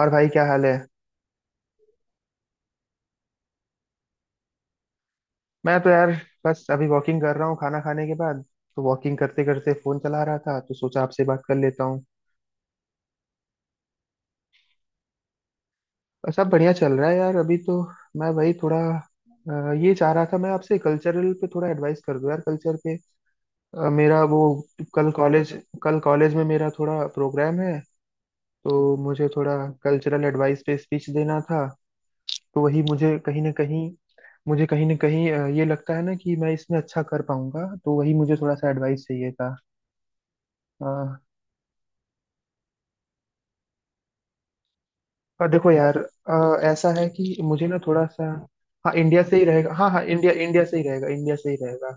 और भाई क्या हाल है? मैं तो यार बस अभी वॉकिंग कर रहा हूँ खाना खाने के बाद। तो वॉकिंग करते करते फोन चला रहा था तो सोचा आपसे बात कर लेता हूँ। और सब बढ़िया चल रहा है यार अभी तो। मैं वही थोड़ा ये चाह रहा था मैं आपसे कल्चरल पे थोड़ा एडवाइस कर दो यार कल्चर पे। मेरा वो कल कॉलेज कल कॉलेज में मेरा थोड़ा प्रोग्राम है। तो मुझे थोड़ा कल्चरल एडवाइस पे स्पीच देना था। तो वही मुझे कहीं ना कहीं ये लगता है ना कि मैं इसमें अच्छा कर पाऊंगा तो वही मुझे थोड़ा सा एडवाइस चाहिए था। देखो यार, ऐसा है कि मुझे ना थोड़ा सा। हाँ, इंडिया से ही रहेगा, हाँ हाँ, इंडिया इंडिया से ही रहेगा, इंडिया से ही रहेगा।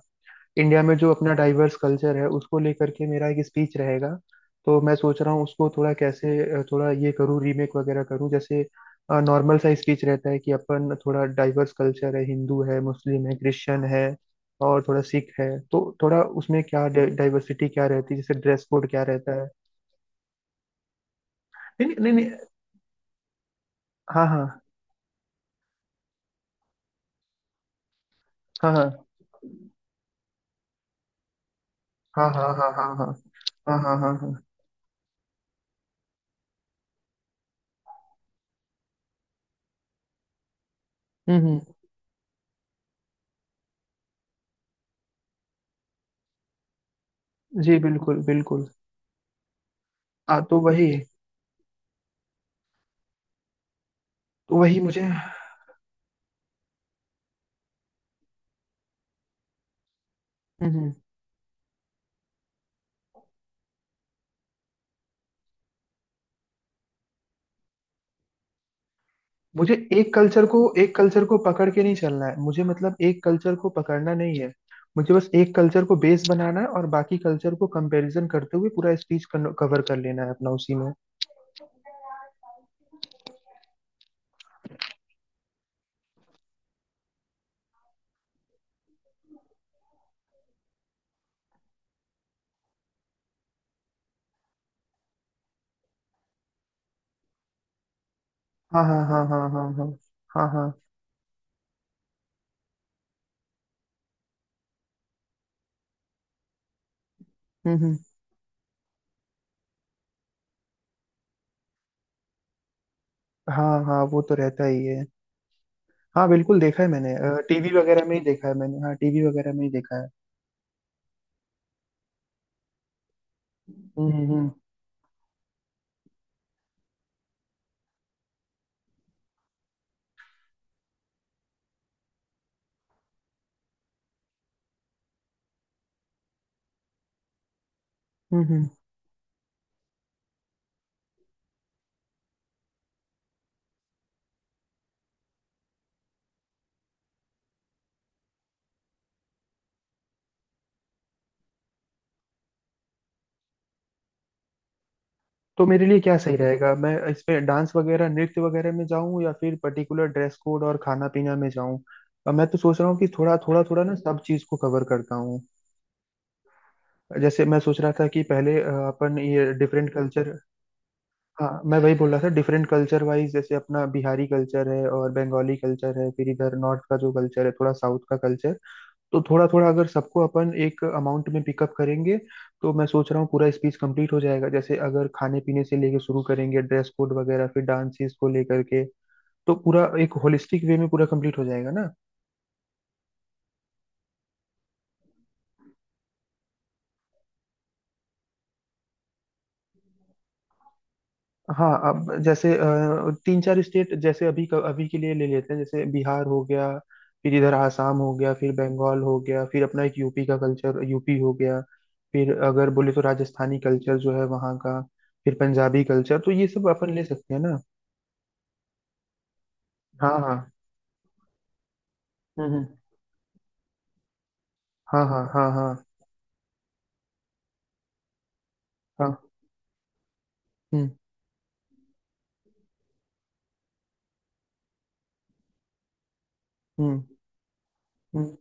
इंडिया में जो अपना डाइवर्स कल्चर है उसको लेकर के मेरा एक स्पीच रहेगा। तो मैं सोच रहा हूँ उसको थोड़ा कैसे थोड़ा ये करूँ, रीमेक वगैरह करूँ। जैसे नॉर्मल सा स्पीच रहता है कि अपन थोड़ा डाइवर्स कल्चर है, हिंदू है, मुस्लिम है, क्रिश्चियन है और थोड़ा सिख है, तो थोड़ा उसमें क्या डाइवर्सिटी क्या रहती है, जैसे ड्रेस कोड क्या रहता है। नहीं नहीं नहीं नहीं, हाँ हाँ हाँ हाँ हाँ हाँ हाँ हाँ हाँ हाँ हाँ हाँ हाँ। हम्म हम्म, जी बिल्कुल बिल्कुल। तो वही। तो वही मुझे। हम्म, एक कल्चर को पकड़ के नहीं चलना है, मुझे मतलब एक कल्चर को पकड़ना नहीं है। मुझे बस एक कल्चर को बेस बनाना है और बाकी कल्चर को कंपैरिजन करते हुए पूरा स्पीच कवर कर लेना है अपना उसी में। हाँ हाँ हाँ हाँ हाँ हाँ हाँ हाँ। हम्म हम्म, हाँ हाँ, वो तो रहता ही है। हाँ बिल्कुल, देखा है मैंने। टीवी वगैरह में ही देखा है मैंने हाँ टीवी वगैरह में ही देखा है। हम्म हम्म हम्म हम्म, तो मेरे लिए क्या सही रहेगा? मैं इसमें डांस वगैरह नृत्य वगैरह में जाऊं या फिर पर्टिकुलर ड्रेस कोड और खाना पीना में जाऊं? मैं तो सोच रहा हूँ कि थोड़ा थोड़ा थोड़ा ना सब चीज को कवर करता हूँ। जैसे मैं सोच रहा था कि पहले अपन ये डिफरेंट कल्चर। हाँ, मैं वही बोल रहा था, डिफरेंट कल्चर वाइज जैसे अपना बिहारी कल्चर है और बंगाली कल्चर है, फिर इधर नॉर्थ का जो कल्चर है, थोड़ा साउथ का कल्चर। तो थोड़ा थोड़ा अगर सबको अपन एक अमाउंट में पिकअप करेंगे। तो मैं सोच रहा हूँ पूरा स्पीच कंप्लीट हो जाएगा, जैसे अगर खाने पीने से लेके शुरू करेंगे, ड्रेस कोड वगैरह, फिर डांसेस को लेकर के। तो पूरा एक होलिस्टिक वे में पूरा कंप्लीट हो जाएगा ना। हाँ, अब जैसे तीन चार स्टेट, जैसे अभी के लिए ले लेते हैं जैसे बिहार हो गया। फिर इधर आसाम हो गया, फिर बंगाल हो गया, फिर अपना एक यूपी का कल्चर, यूपी हो गया। फिर अगर बोले तो राजस्थानी कल्चर जो है वहाँ का। फिर पंजाबी कल्चर, तो ये सब अपन ले सकते हैं ना। हाँ हाँ। हम्म। हाँ हाँ हाँ हाँ हाँ। हम्म हम्म हम्म,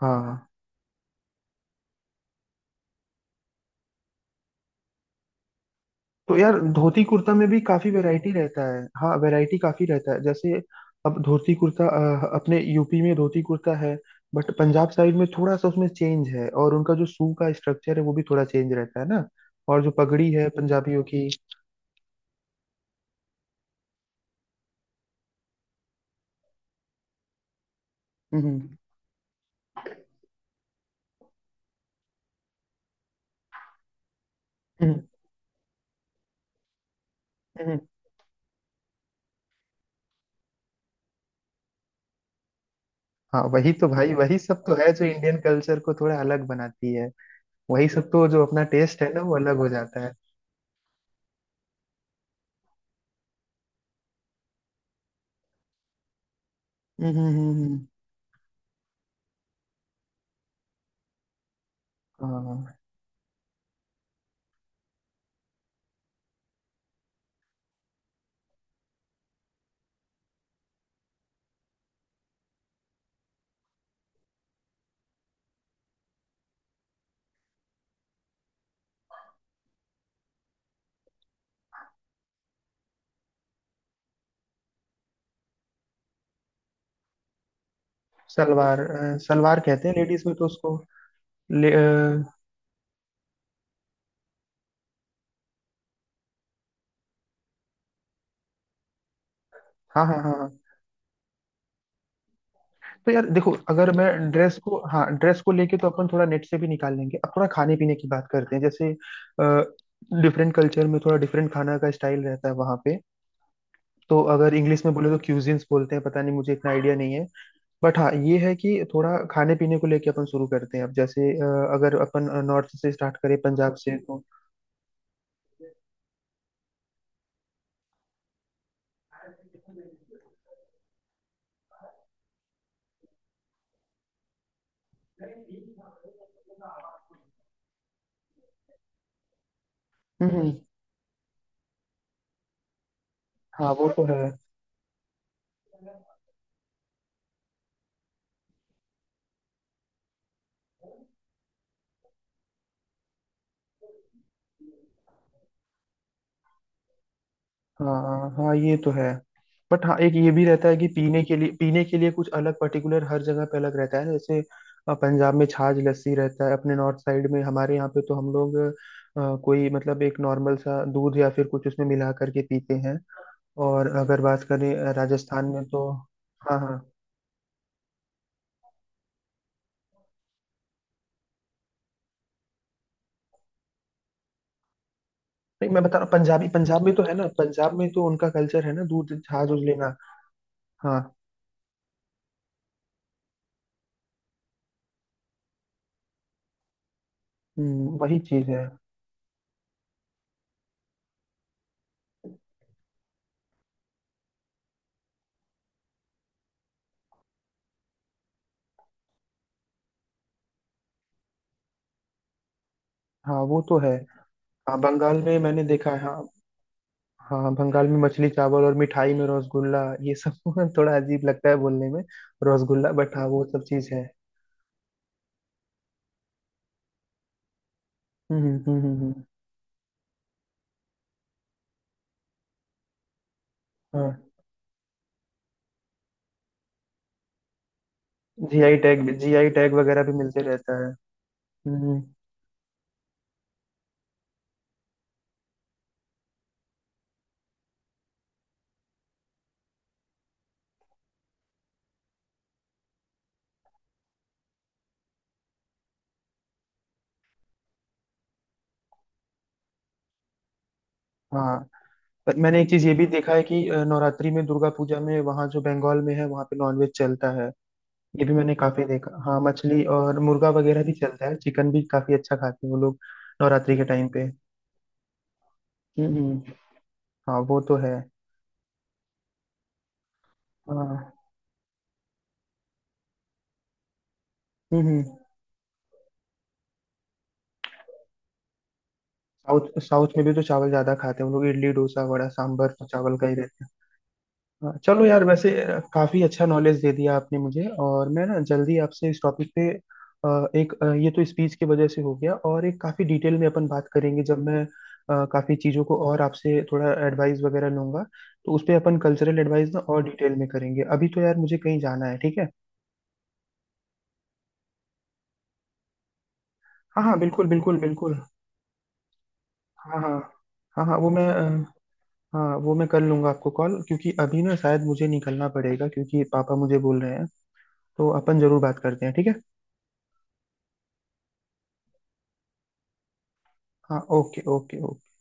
हाँ हाँ। तो यार धोती कुर्ता में भी काफी वैरायटी रहता है, हाँ वैरायटी काफी रहता है। जैसे अब धोती कुर्ता, अपने यूपी में धोती कुर्ता है। बट पंजाब साइड में थोड़ा सा उसमें चेंज है और उनका जो सू का स्ट्रक्चर है वो भी थोड़ा चेंज रहता है ना। और जो पगड़ी है पंजाबियों की। हम्म हम्म हम्म, हाँ वही तो भाई, वही सब तो है जो इंडियन कल्चर को थोड़ा अलग बनाती है। वही सब तो, जो अपना टेस्ट है ना, वो अलग हो जाता है। हम्म हम्म हम्म, हम्म, हाँ सलवार कहते हैं लेडीज में तो उसको। ले अ, हाँ हाँ हाँ हाँ। तो यार देखो, अगर मैं ड्रेस को हाँ ड्रेस को लेके तो अपन थोड़ा नेट से भी निकाल लेंगे। अब थोड़ा खाने पीने की बात करते हैं, जैसे डिफरेंट कल्चर में थोड़ा डिफरेंट खाना का स्टाइल रहता है वहाँ पे। तो अगर इंग्लिश में बोले तो क्यूजिन्स बोलते हैं, पता नहीं, मुझे इतना आइडिया नहीं है। बट हाँ ये है कि थोड़ा खाने पीने को लेके अपन शुरू करते हैं, अब जैसे अगर अपन नॉर्थ से स्टार्ट करें पंजाब से तो। हम्म हम्म, हाँ वो तो है। हाँ हाँ ये तो है। बट हाँ एक ये भी रहता है कि पीने के लिए कुछ अलग पर्टिकुलर हर जगह पे अलग रहता है ना, जैसे पंजाब में छाछ लस्सी रहता है। अपने नॉर्थ साइड में हमारे यहाँ पे तो हम लोग कोई मतलब एक नॉर्मल सा दूध या फिर कुछ उसमें मिला करके पीते हैं। और अगर बात करें राजस्थान में तो। हाँ हाँ। नहीं, मैं बता रहा हूँ, पंजाब में तो है ना, पंजाब में तो उनका कल्चर है ना, दूध छाछ उछ लेना। हाँ। वही चीज है। हाँ वो तो है। हाँ, बंगाल में मैंने देखा है, हाँ। हाँ, बंगाल में मछली चावल, और मिठाई में रसगुल्ला, ये सब थोड़ा अजीब लगता है बोलने में, रसगुल्ला, बट हाँ वो सब चीज है। हम्म हम्म हम्म हम्म, हम्म, हाँ जीआई टैग वगैरह भी मिलते रहता है। हम्म हम्म, हाँ पर मैंने एक चीज ये भी देखा है कि नवरात्रि में, दुर्गा पूजा में, वहाँ जो बंगाल में है वहाँ पे नॉनवेज चलता है। ये भी मैंने काफी देखा, हाँ मछली और मुर्गा वगैरह भी चलता है, चिकन भी काफी अच्छा खाते हैं वो लोग। नवरात्रि के टाइम पे। हम्म हम्म, हाँ वो तो है। हाँ हम्म हम्म। साउथ साउथ में भी तो चावल ज्यादा खाते हैं उन लोग, इडली डोसा वड़ा सांभर तो चावल का ही रहता है। हाँ, चलो यार, वैसे काफी अच्छा नॉलेज दे दिया आपने मुझे, और मैं ना जल्दी आपसे इस टॉपिक पे एक ये तो स्पीच की वजह से हो गया, और एक काफी डिटेल में अपन बात करेंगे जब मैं काफी चीजों को और आपसे थोड़ा एडवाइस वगैरह लूंगा। तो उस पे अपन कल्चरल एडवाइस ना और डिटेल में करेंगे। अभी तो यार मुझे कहीं जाना है, ठीक है। हाँ हाँ बिल्कुल बिल्कुल बिल्कुल। हाँ हाँ। हाँ हाँ वो मैं अ, हाँ वो मैं कर लूंगा आपको कॉल, क्योंकि अभी ना शायद मुझे निकलना पड़ेगा क्योंकि पापा मुझे बोल रहे हैं। तो अपन जरूर बात करते हैं, ठीक है। हाँ ओके ओके ओके।